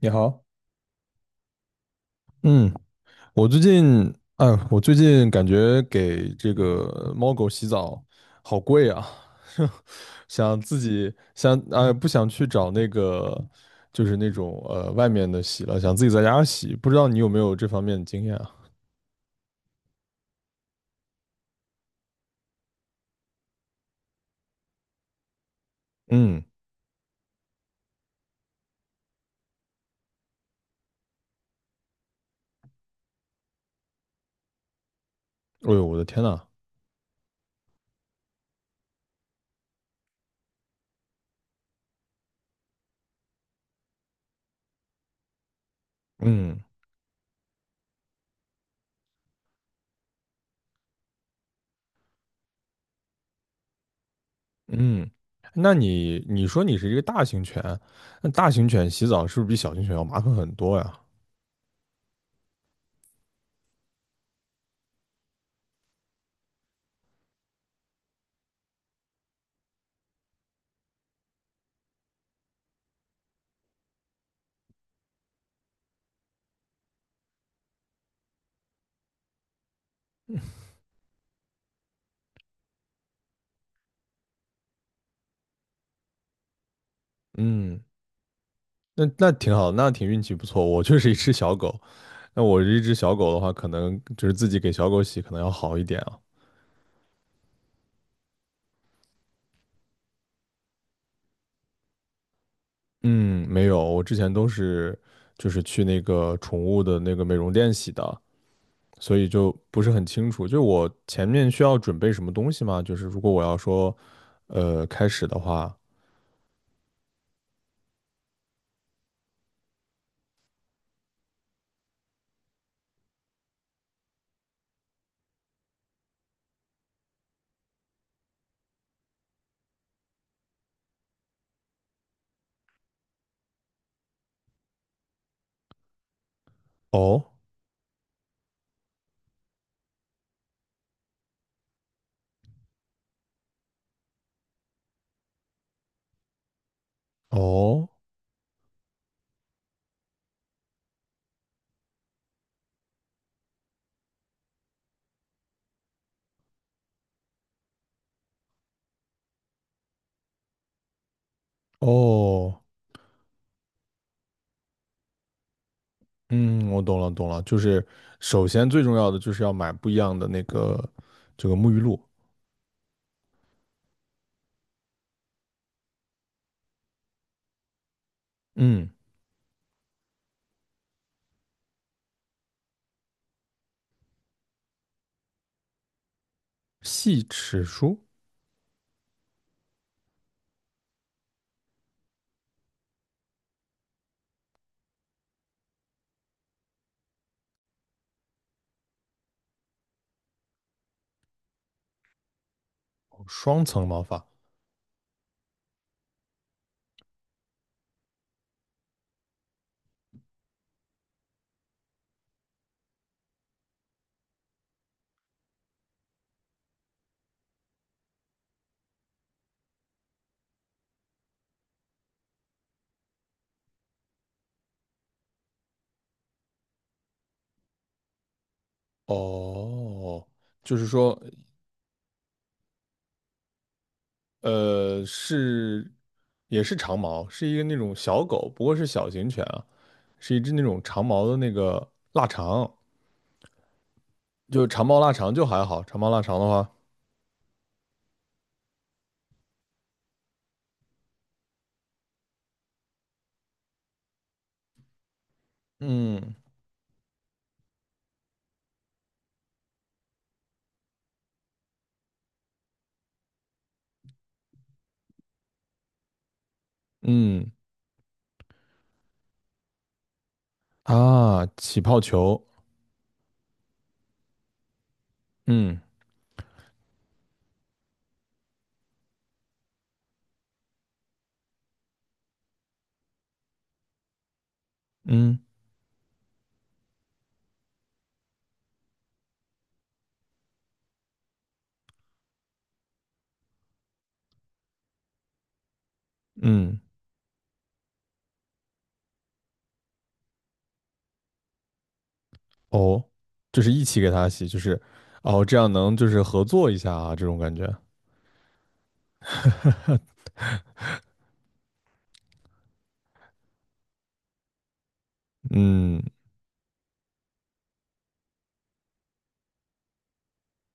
你好。嗯。我最近，哎，我最近感觉给这个猫狗洗澡好贵啊。想自己想，哎，不想去找那个，就是那种外面的洗了，想自己在家洗，不知道你有没有这方面的经验啊？嗯。哎呦，我的天呐。嗯，嗯。那你说你是一个大型犬，那大型犬洗澡是不是比小型犬要麻烦很多呀？嗯。那挺好，那挺运气不错，我就是一只小狗。那我这一只小狗的话，可能就是自己给小狗洗，可能要好一点啊。嗯，没有，我之前都是就是去那个宠物的那个美容店洗的，所以就不是很清楚。就我前面需要准备什么东西吗？就是如果我要说，开始的话。哦，哦，哦。嗯，我懂了懂了，就是首先最重要的就是要买不一样的那个这个沐浴露。嗯。细齿梳。双层毛发。哦，就是说，是也是长毛，是一个那种小狗，不过是小型犬啊，是一只那种长毛的那个腊肠，就长毛腊肠就还好，长毛腊肠的话。嗯，嗯，啊，起泡球。嗯，嗯，嗯。哦，就是一起给它洗，就是哦，这样能就是合作一下啊，这种感觉。嗯，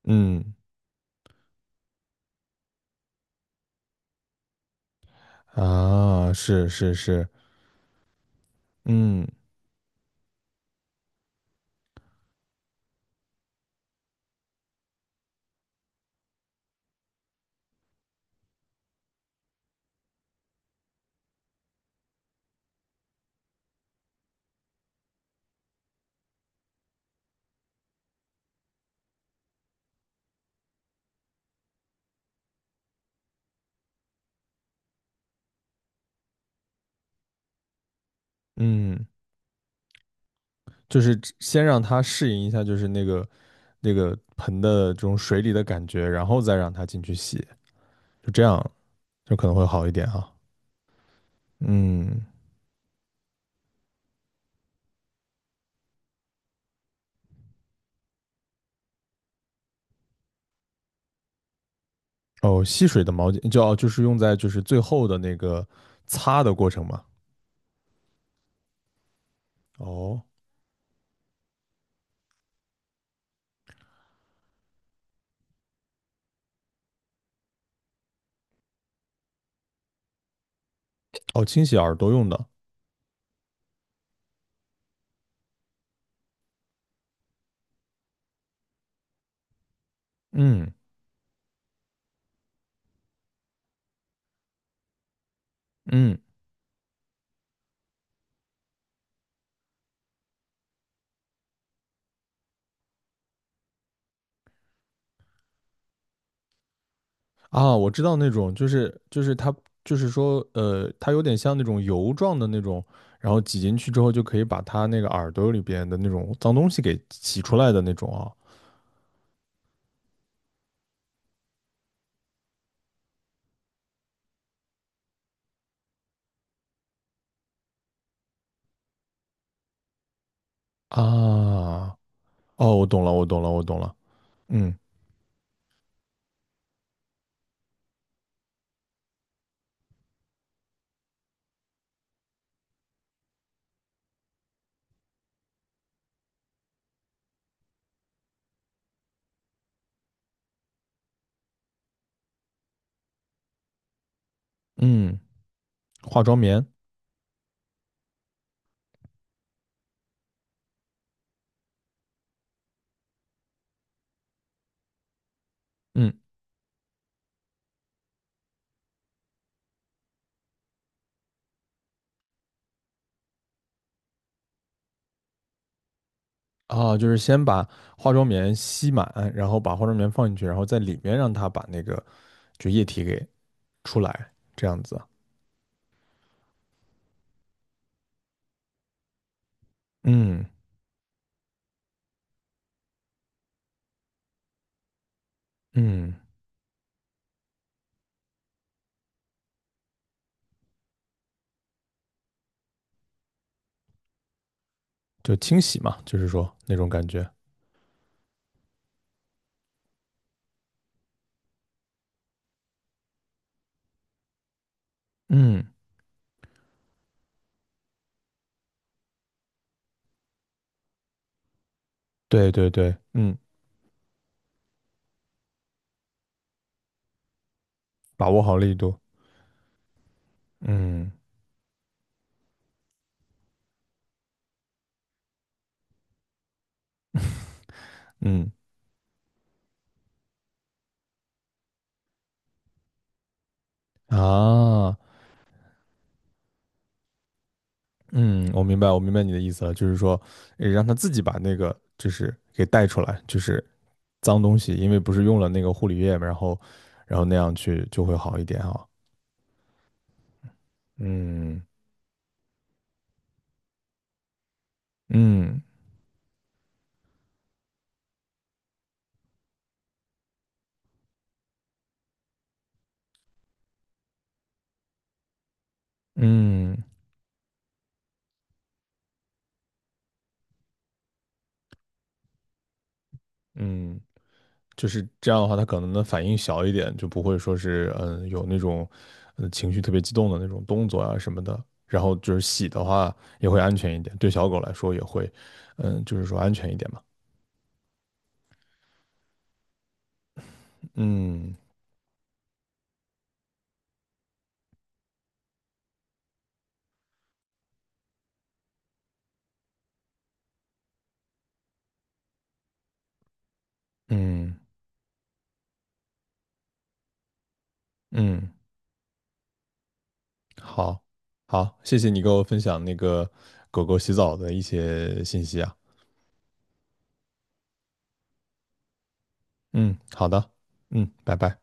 嗯，啊，是是是。嗯，嗯。就是先让它适应一下，就是那个盆的这种水里的感觉，然后再让它进去洗，就这样就可能会好一点哈。嗯。哦，吸水的毛巾就要就是用在就是最后的那个擦的过程嘛。哦，哦，清洗耳朵用的。嗯，嗯，啊，我知道那种就是它就是说它有点像那种油状的那种，然后挤进去之后就可以把它那个耳朵里边的那种脏东西给洗出来的那种啊。啊，哦，我懂了，我懂了，我懂了。嗯，嗯，化妆棉。嗯，啊，就是先把化妆棉吸满，然后把化妆棉放进去，然后在里面让它把那个就液体给出来，这样子。嗯，嗯，就清洗嘛，就是说那种感觉。嗯，对对对，嗯，把握好力度。嗯 嗯，啊。嗯，我明白，我明白你的意思了，就是说，让他自己把那个就是给带出来，就是脏东西，因为不是用了那个护理液嘛，然后，那样去就会好一点啊。嗯，嗯，嗯，嗯。就是这样的话，他可能的反应小一点，就不会说是有那种情绪特别激动的那种动作啊什么的。然后就是洗的话也会安全一点，对小狗来说也会，就是说安全一点嘛。嗯，嗯，嗯。好，好，谢谢你给我分享那个狗狗洗澡的一些信息啊。嗯，好的。嗯，拜拜。